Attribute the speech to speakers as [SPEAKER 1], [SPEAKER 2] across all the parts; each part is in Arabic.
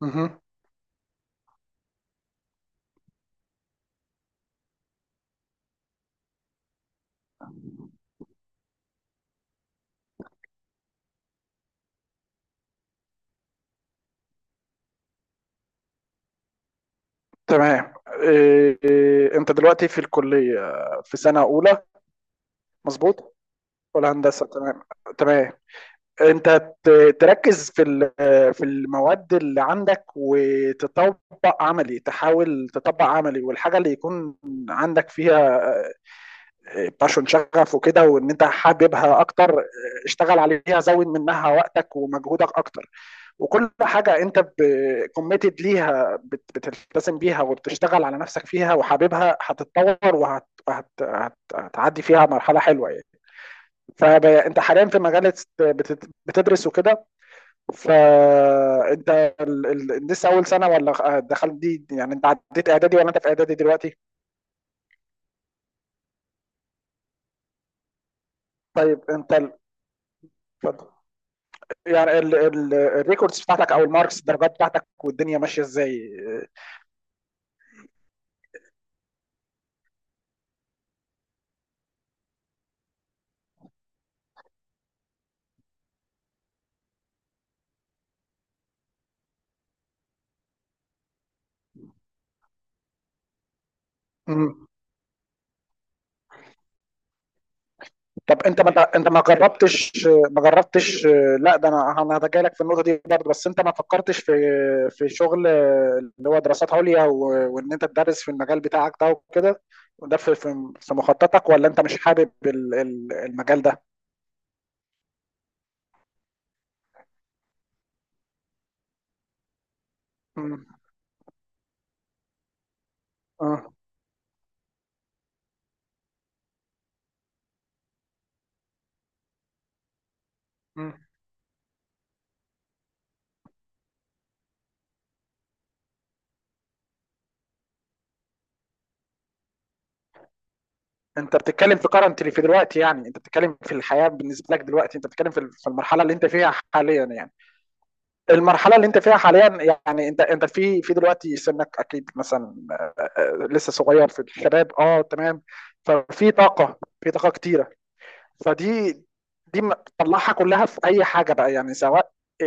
[SPEAKER 1] مهم. تمام. إيه، انت دلوقتي في الكلية، في سنة أولى؟ مظبوط، ولا هندسة؟ تمام. تمام. انت تركز في في المواد اللي عندك، وتطبق عملي، تحاول تطبق عملي، والحاجة اللي يكون عندك فيها باشون، شغف وكده، وان انت حاببها اكتر، اشتغل عليها، زود منها وقتك ومجهودك اكتر. وكل حاجه انت كوميتد ليها، بتلتزم بيها وبتشتغل على نفسك فيها وحاببها، هتتطور، هتعدي فيها مرحله حلوه يعني. فانت حاليا في مجال بتدرس وكده. فانت لسه اول سنه، ولا دخلت دي؟ يعني انت عديت اعدادي، ولا انت في اعدادي دلوقتي؟ طيب، انت اتفضل. يعني الريكوردز بتاعتك او الماركس، الدرجات بتاعتك، والدنيا ماشيه ازاي؟ مم. طب انت ما جربتش؟ لا، ده انا هتجاهلك لك في النقطه دي برضه. بس انت ما فكرتش في في شغل اللي هو دراسات عليا، وان انت تدرس في المجال بتاعك ده وكده؟ وده في مخططك، ولا انت مش حابب المجال ده؟ مم. اه مم. انت بتتكلم في كرنتلي، في دلوقتي، يعني انت بتتكلم في الحياه بالنسبه لك دلوقتي، انت بتتكلم في في المرحله اللي انت فيها حاليا يعني. المرحلة اللي أنت فيها حاليًا، يعني أنت في في دلوقتي، سنك أكيد مثلًا لسه صغير، في الشباب، تمام. ففي طاقة، في طاقة كتيرة. فدي دي م طلّعها كلها في أي حاجة بقى، يعني سواء آآ،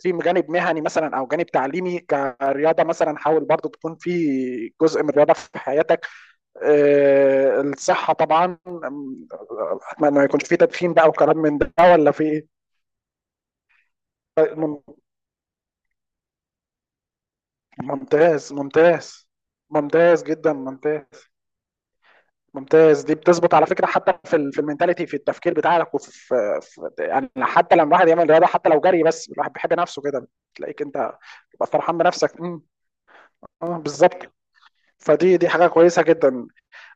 [SPEAKER 1] في جانب مهني مثلًا، أو جانب تعليمي، كرياضة مثلًا، حاول برضه تكون في جزء من الرياضة في حياتك. الصحة طبعًا. أتمنى ما يكونش في تدخين بقى وكلام من ده، والّا في إيه؟ ممتاز، ممتاز، ممتاز جدا، ممتاز، ممتاز. دي بتظبط على فكره، حتى في في المينتاليتي، في التفكير بتاعك، وفي يعني حتى لما الواحد يعمل رياضه، حتى لو جري بس، الواحد بيحب نفسه كده. تلاقيك انت تبقى فرحان بنفسك. امم، اه، بالظبط. فدي حاجه كويسه جدا.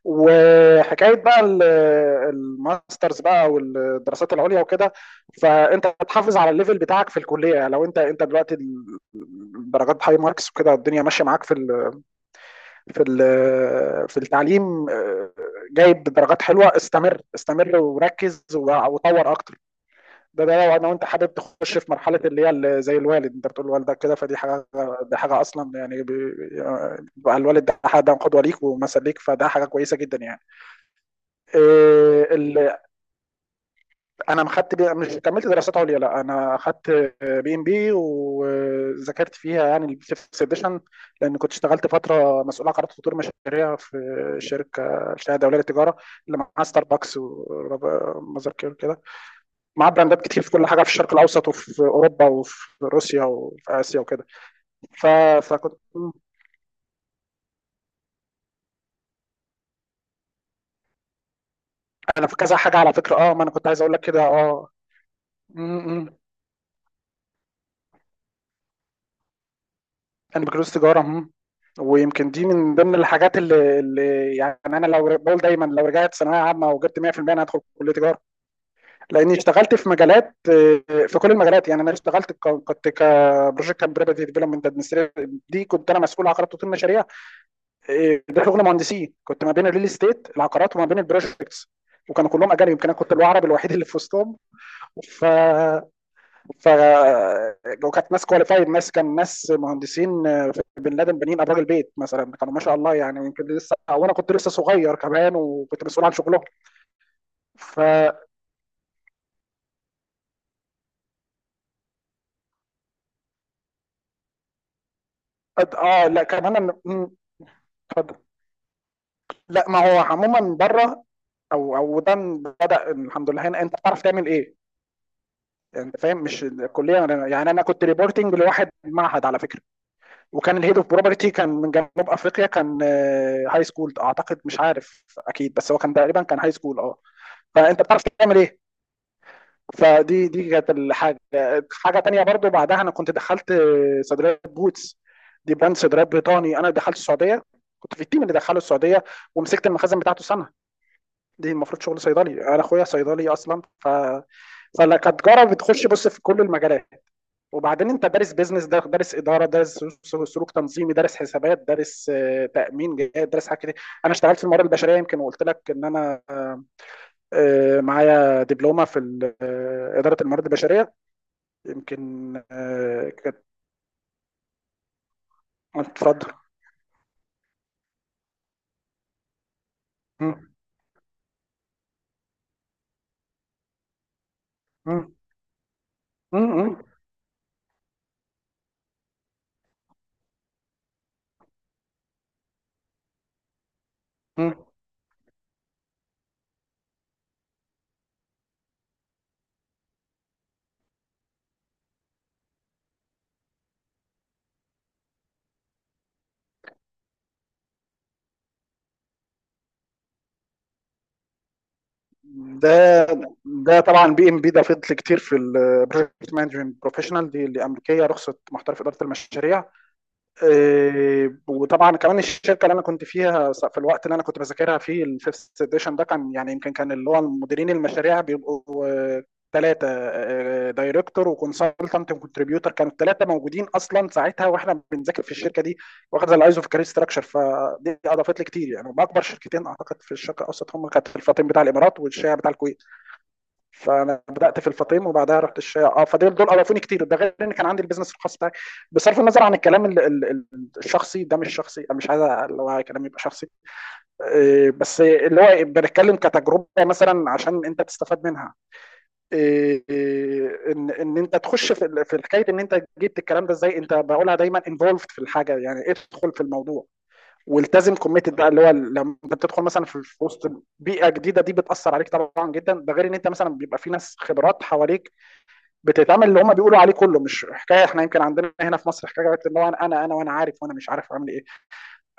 [SPEAKER 1] وحكايه بقى الماسترز بقى والدراسات العليا وكده. فانت تحافظ على الليفل بتاعك في الكليه. لو انت دلوقتي درجات هاي ماركس وكده، الدنيا ماشيه معاك في ال في في التعليم، جايب درجات حلوه، استمر، استمر، وركز، وطور اكتر. ده، لو انا وانت حابب تخش في مرحله اللي هي زي الوالد، انت بتقول لوالدك كده، فدي حاجه، دي حاجه اصلا يعني بقى الوالد ده حد قدوه ليك ومثل ليك، فده حاجه كويسه جدا. يعني انا ما خدت مش كملت دراسات عليا، لا، انا خدت بي ام بي، وذاكرت فيها يعني الفيفث سيديشن، لان كنت اشتغلت فتره مسؤول عن قرارات وتطوير مشاريع في شركه الشهاده الدوليه للتجاره، اللي معاها ستاربكس وماذر كير كده، معاه براندات كتير في كل حاجه، في الشرق الاوسط وفي اوروبا وفي روسيا وفي اسيا وكده. ف... فكنت انا في كذا حاجه على فكره. اه ما انا كنت عايز اقول لك كده. اه، انا بكالوريوس تجاره. ويمكن دي من ضمن الحاجات اللي، يعني انا لو بقول دايما، لو رجعت ثانويه عامه وجبت 100%، انا هدخل كليه تجاره، لاني اشتغلت في مجالات، في كل المجالات يعني. انا اشتغلت كنت كبروجكت اند بروبرتي ديفلوبمنت ادمنستريتور، دي كنت انا مسؤول عقارات وتطوير مشاريع، ده شغل مهندسين. كنت ما بين الريل استيت، العقارات، وما بين البروجكتس. وكانوا كلهم اجانب، يمكن انا كنت العربي الوحيد اللي في وسطهم. ف ف وكانت ناس كواليفايد، ناس كان ناس مهندسين، في بن لادن، بنين ابراج البيت مثلا، كانوا ما شاء الله يعني، يمكن لسه، وانا كنت لسه صغير كمان، وكنت مسؤول عن شغلهم. ف اه لا كمان اتفضل. لا، ما هو عموما بره، او ده بدا، الحمد لله. هنا انت بتعرف تعمل ايه، انت فاهم؟ مش الكليه. يعني انا كنت ريبورتنج لواحد معهد، على فكره، وكان الهيد اوف بروبرتي كان من جنوب افريقيا، كان هاي سكول اعتقد، مش عارف اكيد، بس هو كان تقريبا كان هاي سكول، اه. فانت بتعرف تعمل ايه. فدي كانت الحاجه. حاجه تانية برضو بعدها، انا كنت دخلت صيدليه بوتس، دي براند صيدليات بريطاني. انا دخلت السعوديه، كنت في التيم اللي دخله السعوديه، ومسكت المخازن بتاعته سنه. دي المفروض شغل صيدلي، انا اخويا صيدلي اصلا. فكتجاره بتخش بص في كل المجالات. وبعدين انت دارس بيزنس، دارس اداره، دارس سلوك تنظيمي، دارس حسابات، دارس تامين جهات، دارس حاجات كتير. انا اشتغلت في الموارد البشريه يمكن، وقلت لك ان انا معايا دبلومه في اداره الموارد البشريه، يمكن كانت. اتفضل. مم، مم، مم، مم، مم. ده ده طبعا بي ام بي، ده فضل كتير في البروجكت مانجمنت بروفيشنال، دي اللي امريكيه، رخصه محترف اداره المشاريع. إيه، وطبعا كمان الشركه اللي انا كنت فيها، في الوقت اللي انا كنت بذاكرها فيه الفيفث اديشن ده، كان يعني يمكن كان اللي هو مديرين المشاريع بيبقوا ثلاثه: دايركتور وكونسلتنت وكونتريبيوتر، كانوا الثلاثه موجودين اصلا ساعتها واحنا بنذاكر في الشركه دي، واخده الايزو في كارير ستراكشر. فدي اضافت لي كتير يعني. هم اكبر شركتين اعتقد في الشرق الاوسط، هم كانت الفاطم بتاع الامارات والشيعه بتاع الكويت. فانا بدات في الفاطم وبعدها رحت الشيا، اه. فدول اضافوني كتير، ده غير ان كان عندي البيزنس الخاص بتاعي، بصرف النظر عن الكلام الشخصي ده. مش شخصي، مش عايز اللي هو كلام يبقى شخصي، إيه، بس اللي هو بنتكلم كتجربه مثلا عشان انت تستفاد منها. إيه، إيه، ان ان انت تخش في في حكايه ان انت جبت الكلام ده ازاي. انت بقولها دايما انفولفد في الحاجه، يعني ادخل في الموضوع والتزم، كوميتد بقى، اللي هو لما بتدخل مثلا في وسط بيئه جديده، دي بتاثر عليك طبعا جدا، ده غير ان انت مثلا بيبقى في ناس خبرات حواليك، بتتعمل اللي هم بيقولوا عليه كله. مش حكايه احنا يمكن عندنا هنا في مصر حكايه اللي هو انا انا انا وانا عارف وانا مش عارف اعمل ايه.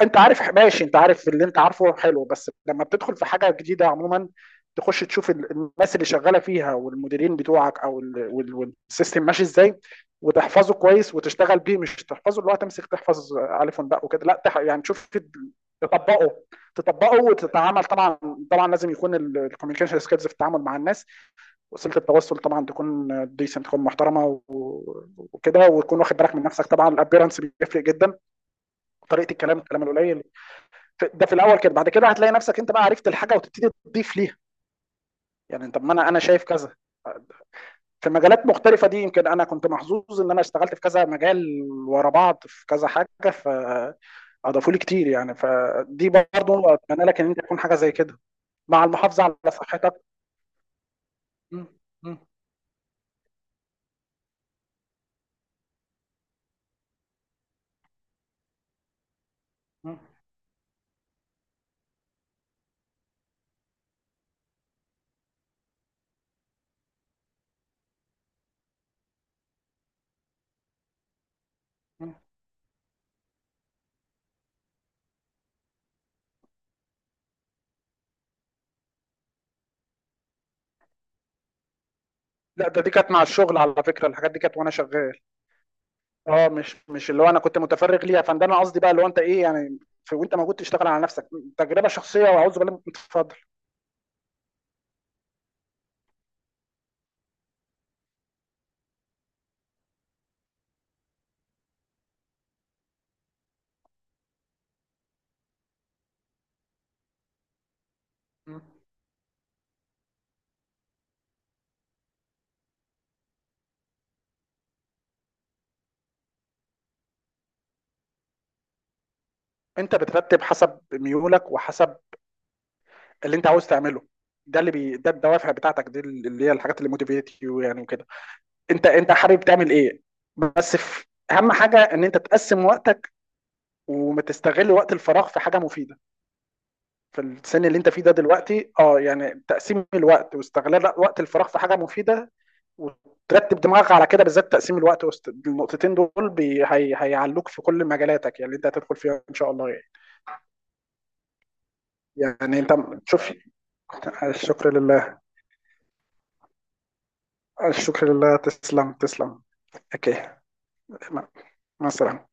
[SPEAKER 1] انت عارف ماشي، انت عارف اللي انت عارفه، حلو. بس لما بتدخل في حاجه جديده عموما، تخش تشوف الناس اللي شغاله فيها والمديرين بتوعك والسيستم ماشي ازاي، وتحفظه كويس وتشتغل بيه. مش تحفظه اللي هو تمسك تحفظ الف ونباء وكده، لا، يعني تشوف تطبقه تطبقه وتتعامل طبعا. طبعا لازم يكون الكوميونيكيشن سكيلز في التعامل مع الناس، وسيله التواصل طبعا تكون ديسنت، تكون محترمه وكده، وتكون واخد بالك من نفسك طبعا، الابيرنس بيفرق جدا، طريقه الكلام، الكلام القليل. ده في الاول كده. بعد كده هتلاقي نفسك انت بقى عرفت الحاجه وتبتدي تضيف ليها، يعني طب ما انا شايف كذا في مجالات مختلفه دي. يمكن انا كنت محظوظ ان انا اشتغلت في كذا مجال ورا بعض، في كذا حاجه فاضافوا لي كتير يعني. فدي برضه اتمنى لك ان انت تكون حاجه زي كده، مع المحافظه على صحتك. م- م- م- م. لا، ده دي كانت مع الشغل على فكره، الحاجات دي كانت وانا شغال. اه، مش اللي هو انا كنت متفرغ ليها. فده انا قصدي بقى اللي هو انت ايه يعني، في وانت موجود تشتغل على نفسك، تجربه شخصيه، واعوذ بالله. اتفضل. م. انت بترتب حسب ميولك وحسب اللي انت عاوز تعمله. ده الدوافع بتاعتك، دي اللي هي الحاجات اللي موتيفيت يو يعني وكده. انت حابب تعمل ايه؟ بس في اهم حاجه، ان انت تقسم وقتك وتستغل وقت الفراغ في حاجه مفيده، في السن اللي انت فيه ده دلوقتي، اه. يعني تقسيم الوقت واستغلال وقت الفراغ في حاجه مفيده، وترتب دماغك على كده، بالذات تقسيم الوقت النقطتين دول هيعلوك في كل مجالاتك، يعني اللي انت هتدخل فيها ان شاء الله يعني. يعني انت شوف. شكرا لله، شكرا لله، تسلم، تسلم. اوكي. مع مع السلامة.